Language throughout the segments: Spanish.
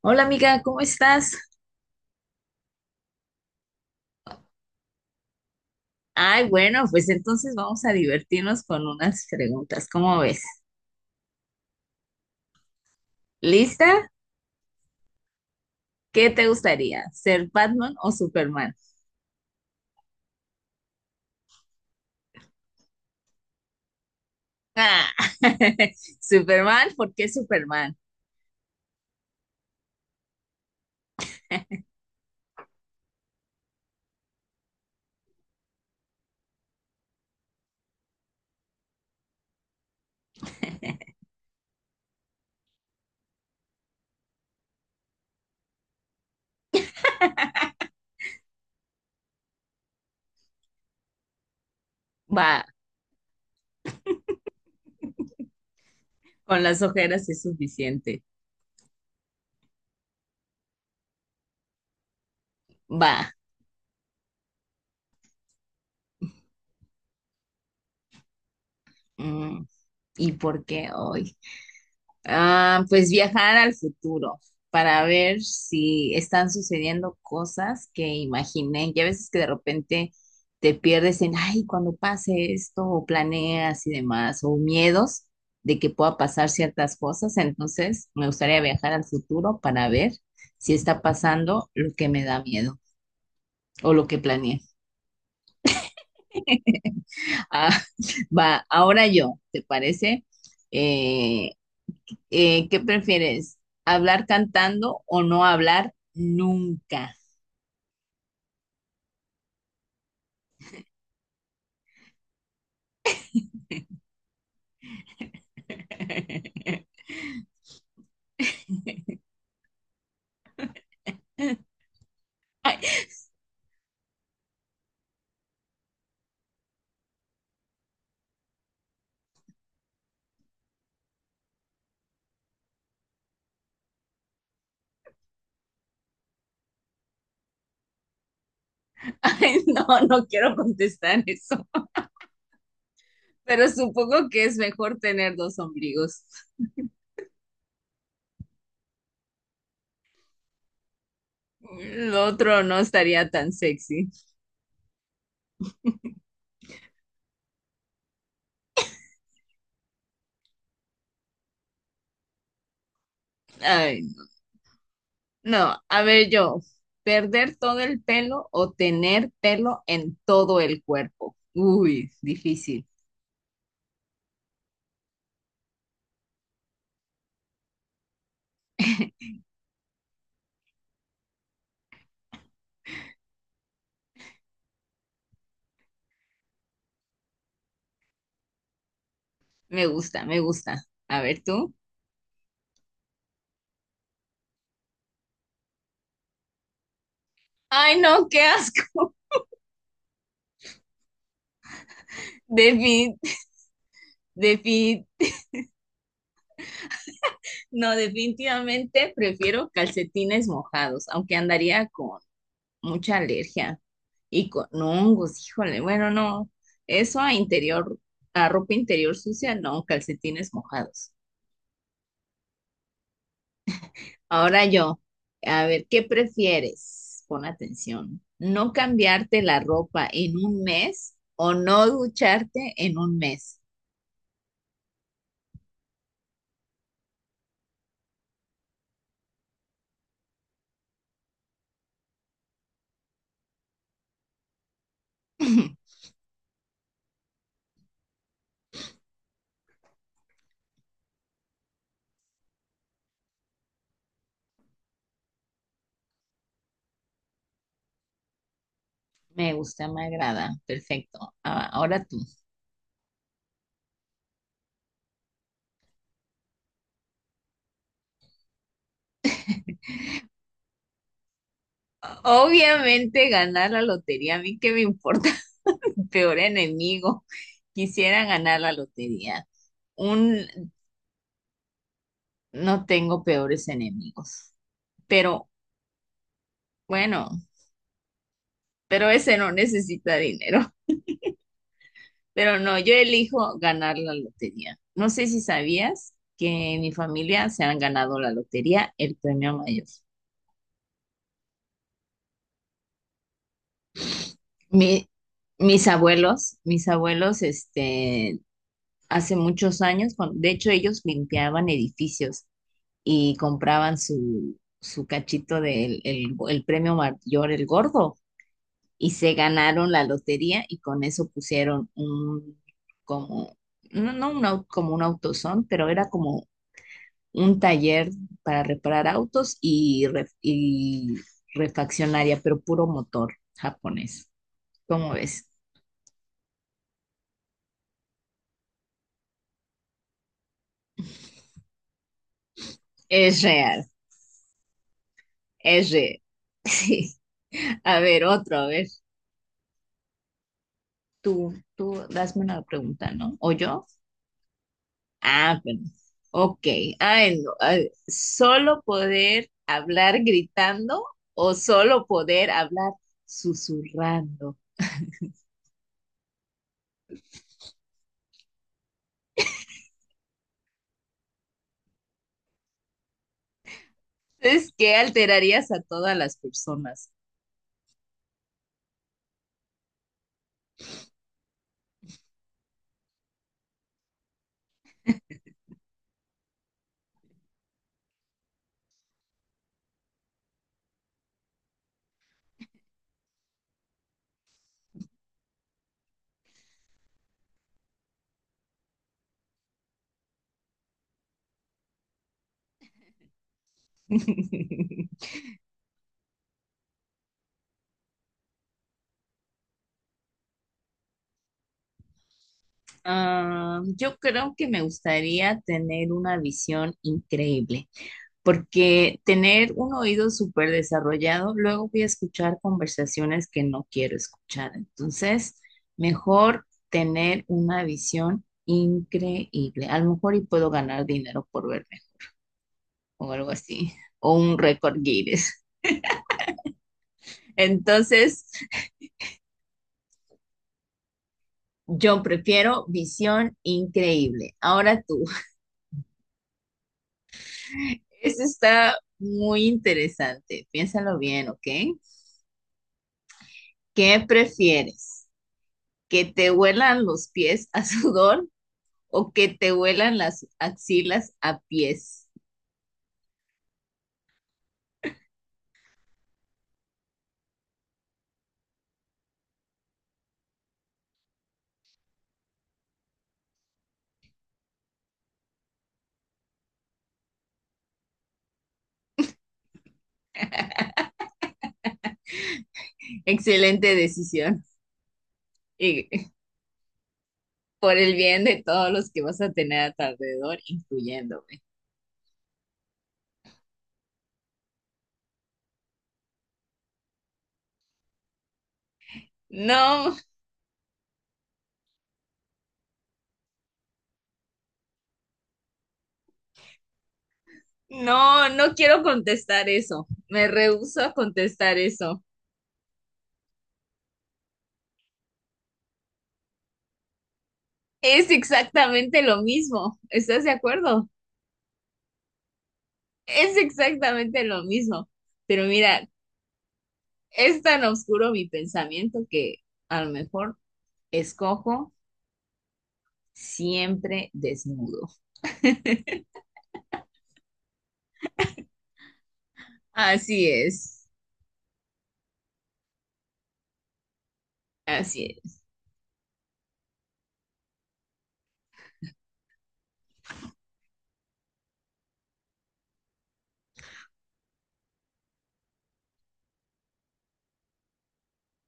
Hola amiga, ¿cómo estás? Ay, bueno, pues entonces vamos a divertirnos con unas preguntas. ¿Cómo ves? ¿Lista? ¿Qué te gustaría? ¿Ser Batman o Superman? Ah, Superman, ¿por qué Superman? Va, con las ojeras es suficiente. Va. Mm, ¿Y por qué hoy? Ah, pues viajar al futuro para ver si están sucediendo cosas que imaginé. Ya veces que de repente te pierdes en, ay, cuando pase esto, o planeas y demás, o miedos de que pueda pasar ciertas cosas. Entonces, me gustaría viajar al futuro para ver si está pasando lo que me da miedo o lo que planeé. Ah, va, ahora yo, ¿te parece? Eh, ¿Qué prefieres? ¿Hablar cantando o no hablar nunca? Ay, ay, no, no quiero contestar eso, pero supongo que es mejor tener dos ombligos. Lo otro no estaría tan sexy. Ay, no, a ver yo, ¿perder todo el pelo o tener pelo en todo el cuerpo? Uy, difícil. Me gusta, me gusta. A ver tú. Ay, no, qué asco. Defin- No, definitivamente prefiero calcetines mojados, aunque andaría con mucha alergia y con hongos, híjole, bueno, no, eso a interior, a ropa interior sucia, no, calcetines mojados. Ahora yo, a ver, ¿qué prefieres? Pon atención, ¿no cambiarte la ropa en un mes o no ducharte en un mes? Me gusta, me agrada, perfecto. Ah, ahora tú. Obviamente ganar la lotería, ¿a mí qué me importa? Peor enemigo. Quisiera ganar la lotería. Un, no tengo peores enemigos. Pero bueno, pero ese no necesita dinero. Pero no, yo elijo ganar la lotería. No sé si sabías que en mi familia se han ganado la lotería, el premio mayor. Mi- mis abuelos, este, hace muchos años, de hecho ellos limpiaban edificios y compraban su, su cachito del, el premio mayor, el gordo, y se ganaron la lotería y con eso pusieron un, como, no, no un, como un autosón, pero era como un taller para reparar autos y, refaccionaria, pero puro motor japonés. ¿Cómo ves? Es real, es real. Sí. A ver, otro, a ver. Tú, hazme una pregunta, ¿no? ¿O yo? Ah, bueno, ok. Ah, no, ay, ¿solo poder hablar gritando o solo poder hablar susurrando? Es que alterarías a todas las personas. Ah, yo creo que me gustaría tener una visión increíble, porque tener un oído súper desarrollado, luego voy a escuchar conversaciones que no quiero escuchar. Entonces, mejor tener una visión increíble. A lo mejor y puedo ganar dinero por verme o algo así, o un récord Guinness. Entonces, yo prefiero visión increíble. Ahora tú, eso está muy interesante. Piénsalo bien, ¿ok? ¿Qué prefieres? ¿Que te huelan los pies a sudor o que te huelan las axilas a pies? Excelente decisión. Y por el bien de todos los que vas a tener a tu alrededor, incluyéndome. No, no, no quiero contestar eso. Me rehúso a contestar eso. Es exactamente lo mismo. ¿Estás de acuerdo? Es exactamente lo mismo. Pero mira, es tan oscuro mi pensamiento que a lo mejor escojo siempre desnudo. Así es. Así es.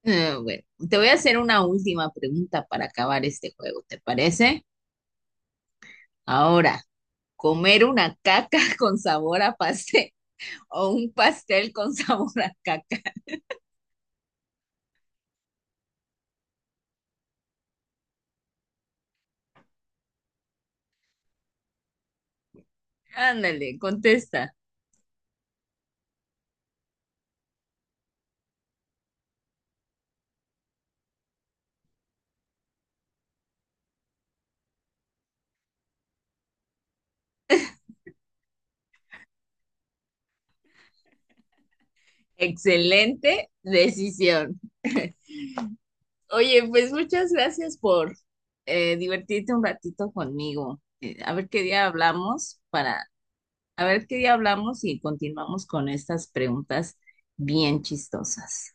Bueno, te voy a hacer una última pregunta para acabar este juego, ¿te parece? Ahora, ¿comer una caca con sabor a pastel o un pastel con sabor a caca? Ándale, contesta. Excelente decisión. Oye, pues muchas gracias por divertirte un ratito conmigo. A ver qué día hablamos para, a ver qué día hablamos y continuamos con estas preguntas bien chistosas.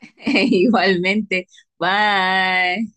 Igualmente. Bye.